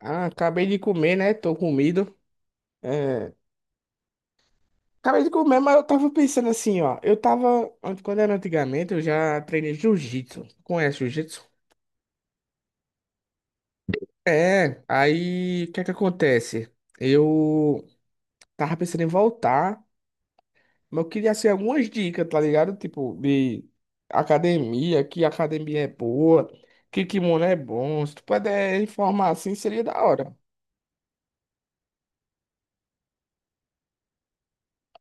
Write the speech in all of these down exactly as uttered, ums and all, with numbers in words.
Ah, acabei de comer, né? Tô comido. É, acabei de comer, mas eu tava pensando assim, ó. Eu tava, ant- quando era antigamente, eu já treinei jiu-jitsu. Conhece jiu-jitsu? É, aí o que é que acontece? Eu Tava pensando em voltar, mas eu queria assim algumas dicas, tá ligado? Tipo, de academia, que academia é boa, que kimono é bom. Se tu puder informar assim, seria da hora.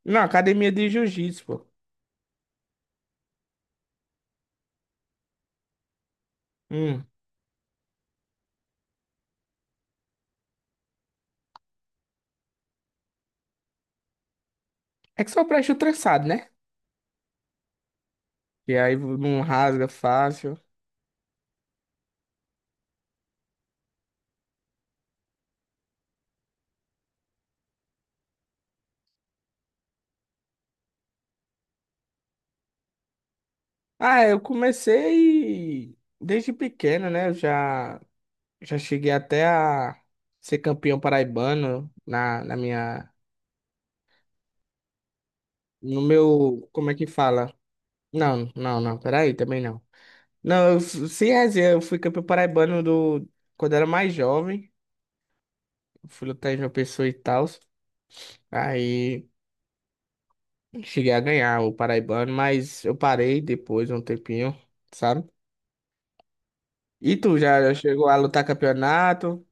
Não, academia de jiu-jitsu, pô. Hum. É que só presta o trançado, né? E aí não rasga fácil. Ah, é, eu comecei desde pequeno, né? Eu já, já cheguei até a ser campeão paraibano na, na minha. No meu. Como é que fala? Não, não, não, peraí, também não. Não, eu, f- sem resenha, eu fui campeão paraibano do, quando era mais jovem. Fui lutar em João Pessoa e tal. Aí cheguei a ganhar o paraibano, mas eu parei depois, um tempinho, sabe? E tu já já chegou a lutar campeonato?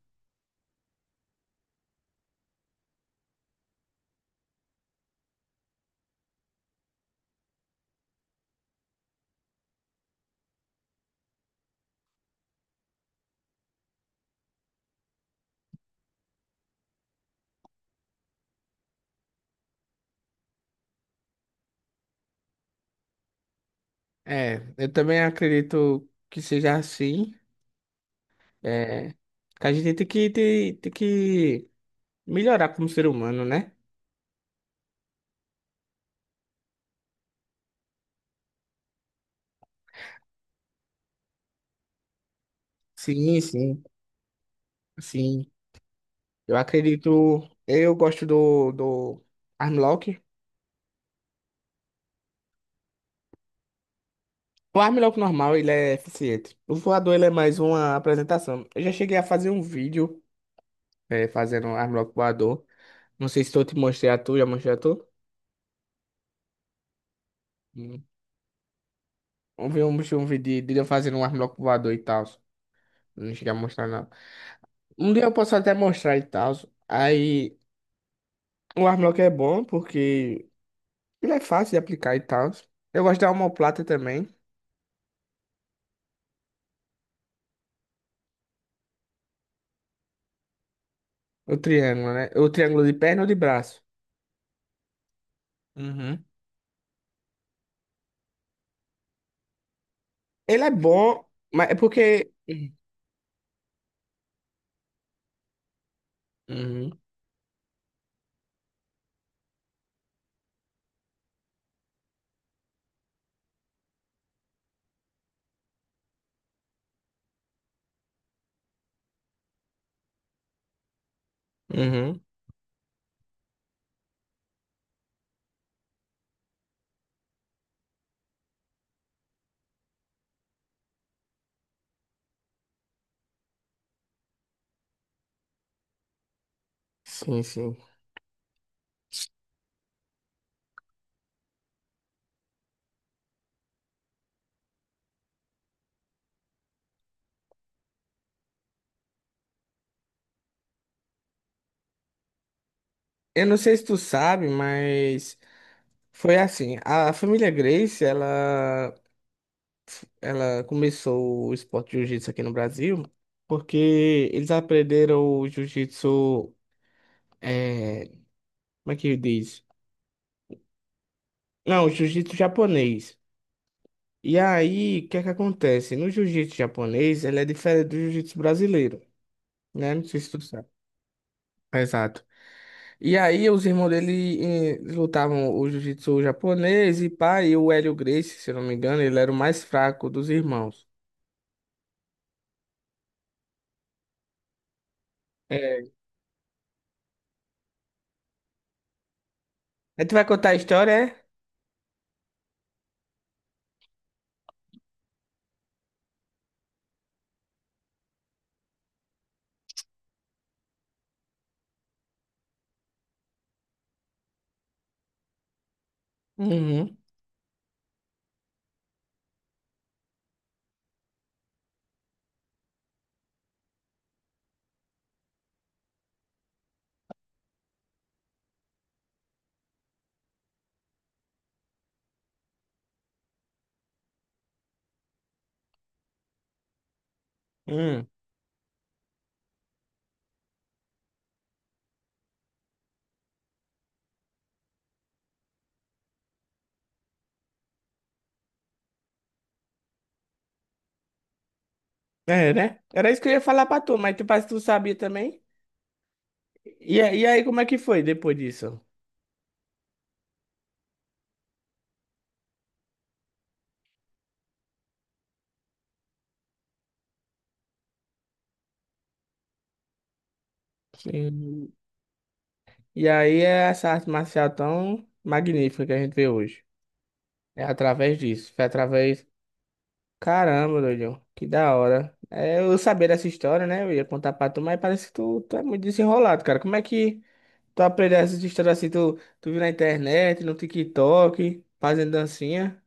É, eu também acredito que seja assim. É, que a gente tem que, tem, tem que melhorar como ser humano, né? Sim, sim, sim. Eu acredito. Eu gosto do, do Armlock. O Armlock normal, ele é eficiente. O voador, ele é mais uma apresentação. Eu já cheguei a fazer um vídeo é, fazendo Armlock voador. Não sei se eu te mostrei a tu, já mostrei a tu? Hum. Eu vi um, um vídeo de, de eu fazendo um Armlock voador e tal. Não cheguei a mostrar, não. Um dia eu posso até mostrar e tal. Aí o Armlock é bom porque ele é fácil de aplicar e tal. Eu gosto da omoplata também. O triângulo, né? O triângulo de perna ou de braço. Uhum. Ele é bom, mas é porque. Uhum, uhum. Sim, sim. Eu não sei se tu sabe, mas foi assim. A família Grace, ela, ela começou o esporte de jiu-jitsu aqui no Brasil porque eles aprenderam o jiu-jitsu. é, Como é que diz? Não, jiu-jitsu japonês. E aí, o que é que acontece? No jiu-jitsu japonês, ele é diferente do jiu-jitsu brasileiro, né? Não sei se tu sabe. Exato. E aí, os irmãos dele eh, lutavam o jiu-jitsu japonês e pá, e o Hélio Gracie, se eu não me engano, ele era o mais fraco dos irmãos. É. Aí tu vai contar a história, é? Uhum. Hum. É, né? Era isso que eu ia falar pra tu, mas tu, parece que tu sabia também. E, aí- e aí, como é que foi depois disso? Sim. E aí é essa arte marcial tão magnífica que a gente vê hoje. É através disso. Foi através. Caramba, doido. Que da hora. É, eu sabia dessa história, né? Eu ia contar pra tu, mas parece que tu, tu é muito desenrolado, cara. Como é que tu aprendeu essas histórias assim? Tu, tu viu na internet, no TikTok, fazendo dancinha?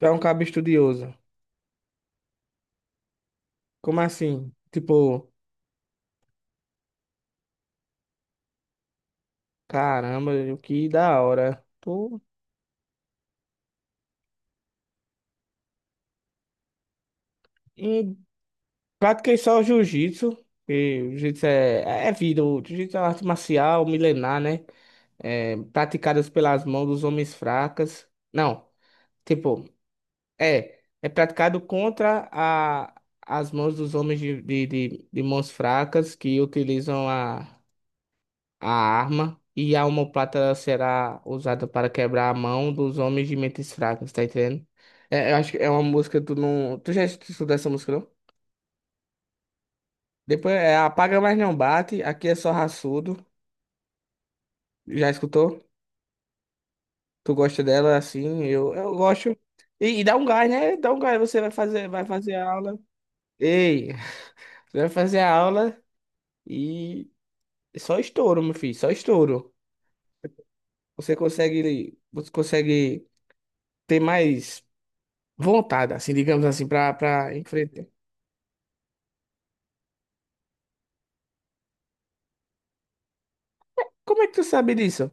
Tu é um cabo estudioso. Como assim? Tipo, caramba, doido, que da hora. Tu pratiquei só o jiu-jitsu, que o jiu-jitsu é, é vida, o jiu-jitsu é uma arte marcial milenar, né? É, praticadas pelas mãos dos homens fracas. Não, tipo, é, é praticado contra a, as mãos dos homens de, de, de, de mãos fracas que utilizam a, a arma e a omoplata será usada para quebrar a mão dos homens de mentes fracas, tá entendendo? É, eu acho que é uma música, tu não... Tu já estudou essa música, não? Depois é Apaga Mas Não Bate, aqui é só raçudo. Já escutou? Tu gosta dela assim? Eu, eu gosto. E, e dá um gás, né? Dá um gás, você vai fazer, vai fazer a aula. Ei, você vai fazer a aula e só estouro, meu filho, só estouro. Você consegue, você consegue ter mais vontade, assim, digamos assim, pra, pra enfrentar. Como é que tu sabe disso?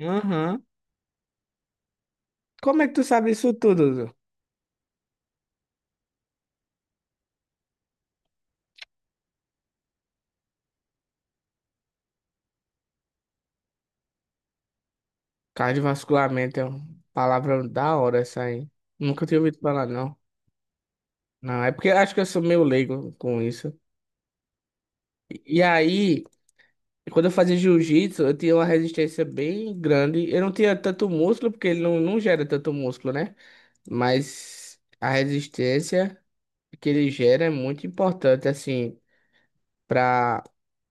Aham. Como é que tu sabe isso tudo? Dudu? Cardiovasculamento é uma palavra da hora essa aí. Nunca tinha ouvido falar, não. Não, é porque eu acho que eu sou meio leigo com isso. E aí, quando eu fazia jiu-jitsu, eu tinha uma resistência bem grande. Eu não tinha tanto músculo, porque ele não, não gera tanto músculo, né? Mas a resistência que ele gera é muito importante, assim, pra...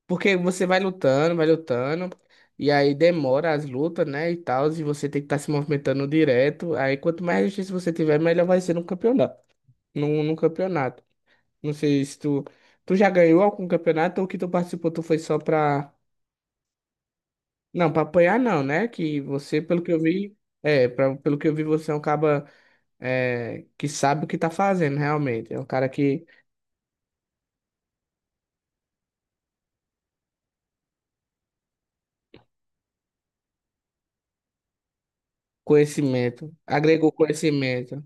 Porque você vai lutando, vai lutando, e aí demora as lutas, né, e tal, e você tem que estar se movimentando direto. Aí quanto mais resistência você tiver, melhor vai ser no campeonato. No, no campeonato. Não sei se tu, tu já ganhou algum campeonato ou que tu participou, tu foi só pra. Não, pra apanhar não, né? Que você, pelo que eu vi, é, pra, pelo que eu vi, você é um cara que sabe o que tá fazendo, realmente. É um cara que conhecimento, agregou conhecimento.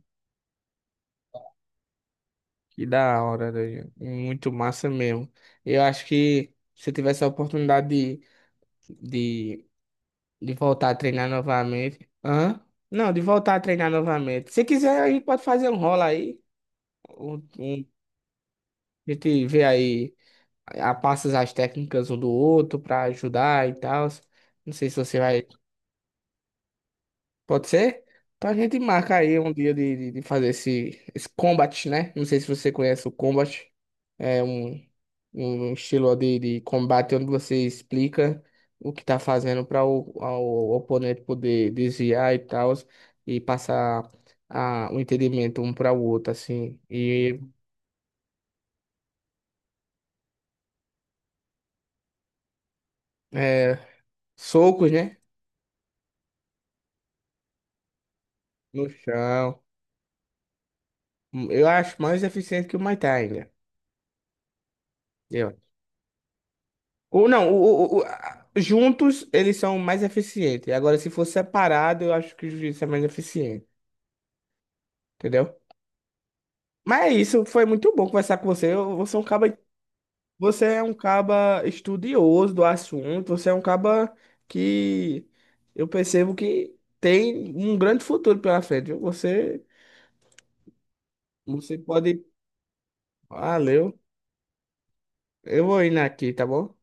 Que da hora, doido. Muito massa mesmo. Eu acho que se eu tivesse a oportunidade de, de, de voltar a treinar novamente. Hã? Não, de voltar a treinar novamente. Se quiser, a gente pode fazer um rola aí. Um, um A gente vê aí, a- passa as técnicas um do outro pra ajudar e tal. Não sei se você vai. Pode ser? Então a gente marca aí um dia de, de, de fazer esse, esse combat, né? Não sei se você conhece o combat. É um, um estilo de, de combate onde você explica o que tá fazendo para o, ao- o oponente poder desviar e tal. E passar a, o entendimento um para o outro, assim. E é, socos, né? No chão. Hum, Eu acho mais eficiente que o Muay Thai ainda. Eu acho. Ou não, o, o- o- a- juntos eles são mais eficientes. Agora, se for separado, eu acho que o jiu-jitsu é mais eficiente. Entendeu? Mas é isso, foi muito bom conversar com você. Eu- Você é um caba, você é um caba estudioso do assunto. Você é um caba que eu percebo que tem um grande futuro pela frente. Viu? Você, você pode. Valeu. Eu vou indo aqui, tá bom?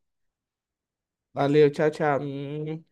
Valeu, tchau, tchau.